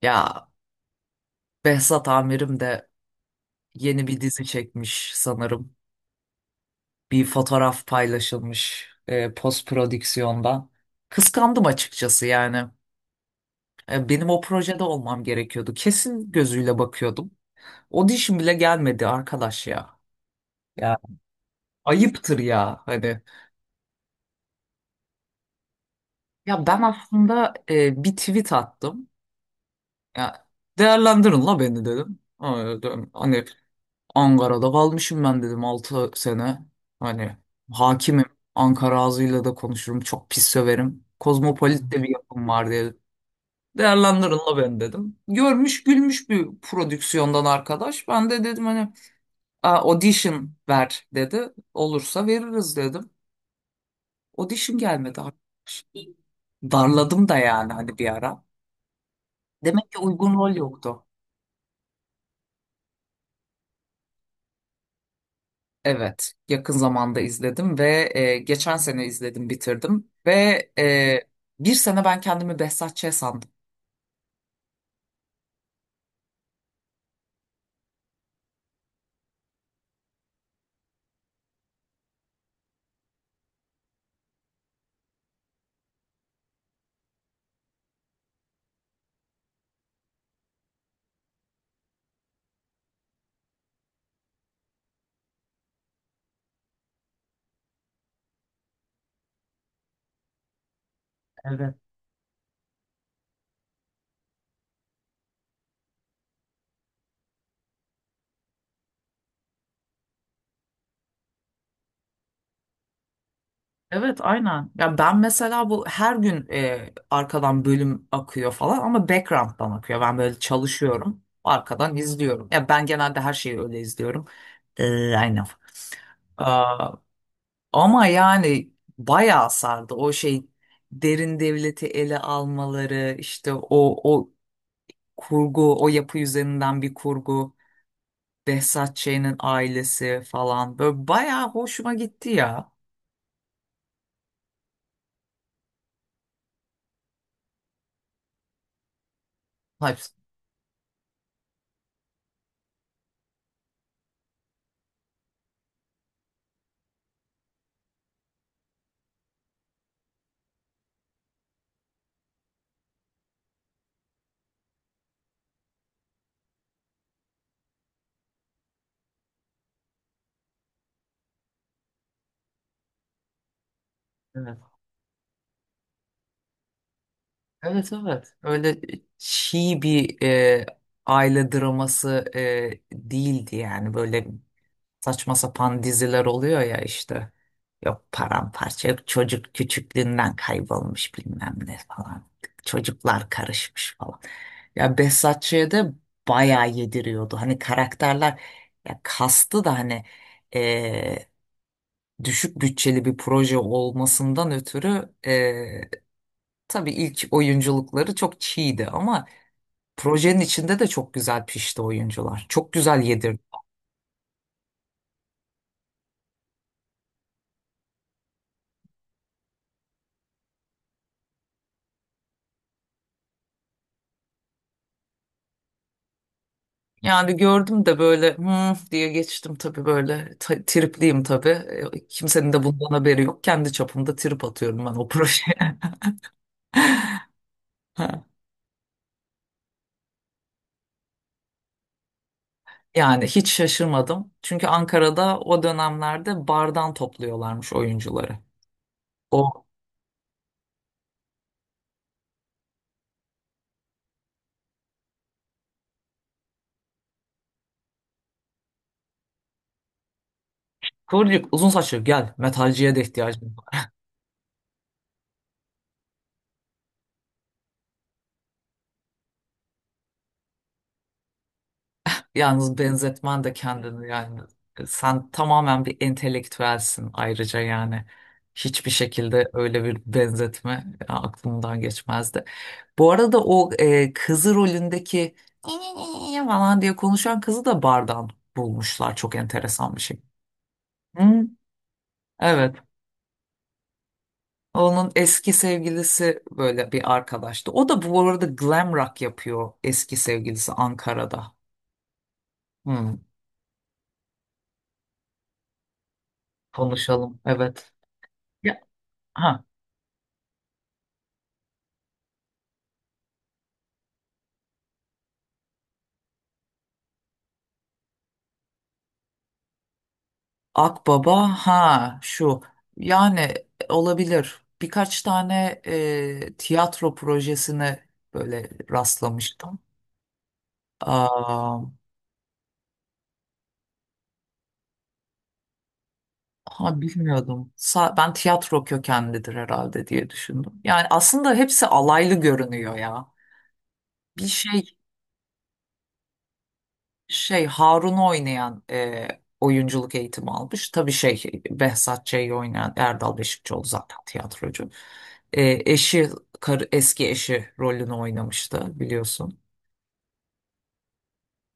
Ya Behzat amirim de yeni bir dizi çekmiş sanırım. Bir fotoğraf paylaşılmış post prodüksiyonda. Kıskandım açıkçası yani. Benim o projede olmam gerekiyordu. Kesin gözüyle bakıyordum. Audition bile gelmedi arkadaş ya. Ya ayıptır ya hani. Ya ben aslında bir tweet attım. Ya, değerlendirin la beni dedim. Hani, Ankara'da kalmışım ben dedim 6 sene. Hani hakimim. Ankara ağzıyla da konuşurum. Çok pis söverim. Kozmopolit de bir yapım var diye. Değerlendirin la ben dedim. Görmüş gülmüş bir prodüksiyondan arkadaş. Ben de dedim hani, "Aa, audition ver dedi. Olursa veririz dedim." Audition gelmedi arkadaş. Darladım da yani hani bir ara. Demek ki uygun rol yoktu. Evet, yakın zamanda izledim ve geçen sene izledim, bitirdim ve e, bir sene ben kendimi Behzat Ç. sandım. Evet. Evet, aynen. Ya ben mesela bu her gün arkadan bölüm akıyor falan ama background'dan akıyor. Ben böyle çalışıyorum, arkadan izliyorum. Ya, ben genelde her şeyi öyle izliyorum. Aynen. Aa, ama yani bayağı sardı o şey, derin devleti ele almaları, işte o kurgu, o yapı üzerinden bir kurgu. Behzat Ç'nin ailesi falan. Böyle bayağı hoşuma gitti ya. Hepsi. Evet. Evet, evet. Öyle çiğ bir aile draması değildi yani, böyle saçma sapan diziler oluyor ya işte. Yok paramparça, yok çocuk küçüklüğünden kaybolmuş bilmem ne falan. Çocuklar karışmış falan. Ya, Behzat Ç'de bayağı yediriyordu. Hani karakterler, ya kastı da hani, eee, düşük bütçeli bir proje olmasından ötürü tabii ilk oyunculukları çok çiğdi ama projenin içinde de çok güzel pişti oyuncular. Çok güzel yedirdi. Yani gördüm de böyle hmm diye geçtim tabii, böyle tripliyim tabii. Kimsenin de bundan haberi yok. Kendi çapımda trip atıyorum ben o projeye. Ha. Yani hiç şaşırmadım. Çünkü Ankara'da o dönemlerde bardan topluyorlarmış oyuncuları. O kıvırcık uzun saçlı, gel, metalciye de ihtiyacım var. Yalnız benzetmen de kendini yani. Sen tamamen bir entelektüelsin ayrıca yani. Hiçbir şekilde öyle bir benzetme aklımdan geçmezdi. Bu arada o kızı rolündeki "İyi" falan diye konuşan kızı da bardan bulmuşlar. Çok enteresan bir şey. Hı, evet. Onun eski sevgilisi böyle bir arkadaştı. O da bu arada glam rock yapıyor, eski sevgilisi Ankara'da. Hı, konuşalım. Evet. Ya, ha. Akbaba, ha, şu. Yani olabilir. Birkaç tane tiyatro projesine böyle rastlamıştım. Aa, ha, bilmiyordum. Ben tiyatro kökenlidir herhalde diye düşündüm. Yani aslında hepsi alaylı görünüyor ya. Bir şey, Harun'u oynayan oyunculuk eğitimi almış. Tabii şey, Behzat Ç'yi oynayan Erdal Beşikçioğlu zaten tiyatrocu. Eşi, karı, eski eşi rolünü oynamıştı biliyorsun.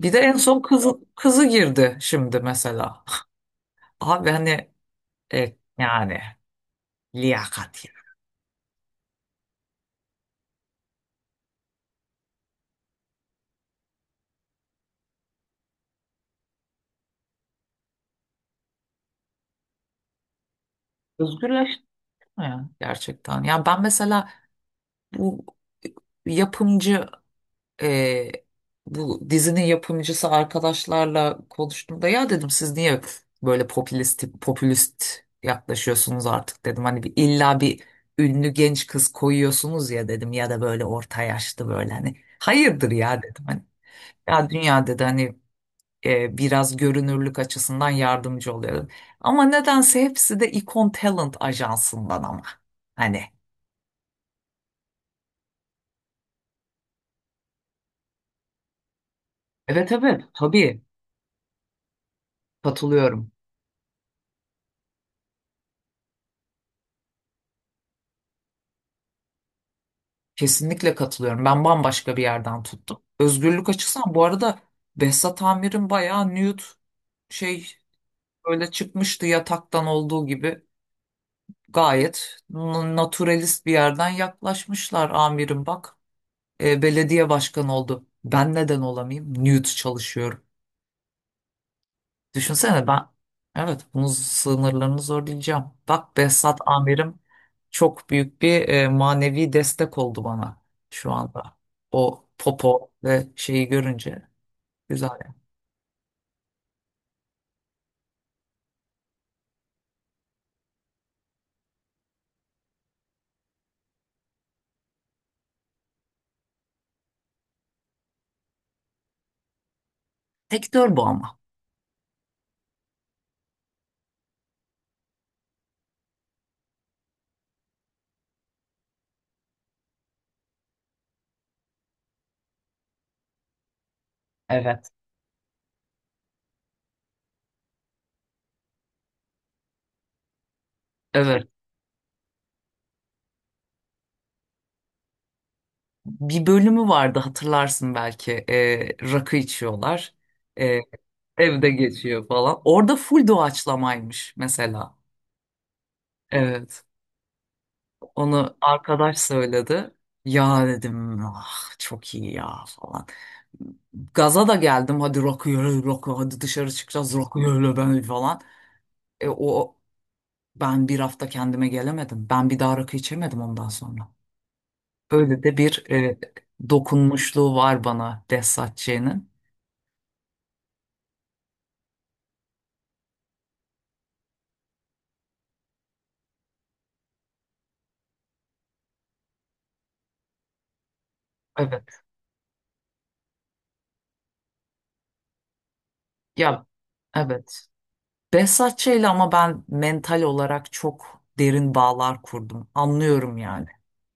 Bir de en son kızı, kızı girdi şimdi mesela. Abi hani, yani liyakat ya. Özgürleşti mi ya gerçekten? Ya ben mesela, Bu yapımcı e, bu dizinin yapımcısı arkadaşlarla konuştuğumda ya dedim, siz niye böyle popülist popülist yaklaşıyorsunuz artık dedim. Hani bir, illa bir ünlü genç kız koyuyorsunuz ya dedim, ya da böyle orta yaşlı, böyle, hani hayırdır ya dedim. Hani, ya dünya dedi hani, biraz görünürlük açısından yardımcı oluyor dedim. Ama nedense hepsi de Icon Talent ajansından, ama hani. Evet, evet, tabii, katılıyorum. Kesinlikle katılıyorum. Ben bambaşka bir yerden tuttum. Özgürlük açısından, bu arada, Behzat Amir'in bayağı nude şey böyle çıkmıştı, yataktan olduğu gibi. Gayet naturalist bir yerden yaklaşmışlar, amirim bak. Belediye başkanı oldu. Ben neden olamayayım? Nude çalışıyorum. Düşünsene ben, evet, bunun sınırlarını zorlayacağım. Bak, Behzat amirim çok büyük bir manevi destek oldu bana şu anda. O popo ve şeyi görünce, güzel, yani. Sektör bu ama. Evet. Evet. Bir bölümü vardı, hatırlarsın belki. Rakı içiyorlar. E, evde geçiyor falan. Orada full doğaçlamaymış mesela. Evet. Onu arkadaş söyledi. Ya, dedim, ah, çok iyi ya falan. Gaza da geldim. Hadi rakı, rakı, hadi dışarı çıkacağız rakı, öyle ben falan. O ben bir hafta kendime gelemedim. Ben bir daha rakı içemedim ondan sonra. Öyle de bir dokunmuşluğu var bana Behzatçı'nın. Evet. Ya, evet. Behzatçı'yla ama ben mental olarak çok derin bağlar kurdum. Anlıyorum yani.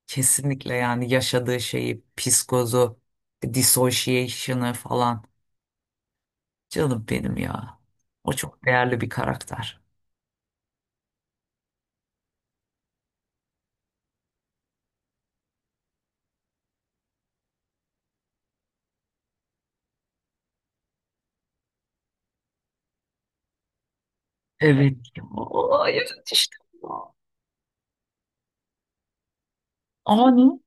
Kesinlikle, yani yaşadığı şeyi, psikozu, dissociation'ı falan. Canım benim ya. O çok değerli bir karakter. Evet. Aa, evet işte. Ani.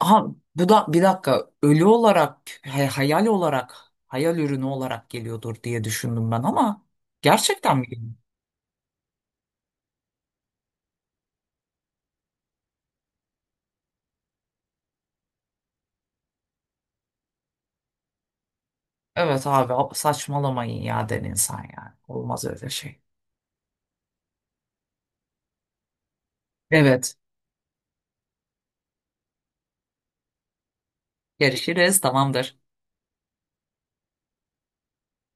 Aha, bu da bir dakika ölü olarak hayal olarak, hayal ürünü olarak geliyordur diye düşündüm ben, ama gerçekten mi geliyor? Evet abi, saçmalamayın ya, den insan yani. Olmaz öyle şey. Evet. Görüşürüz. Tamamdır.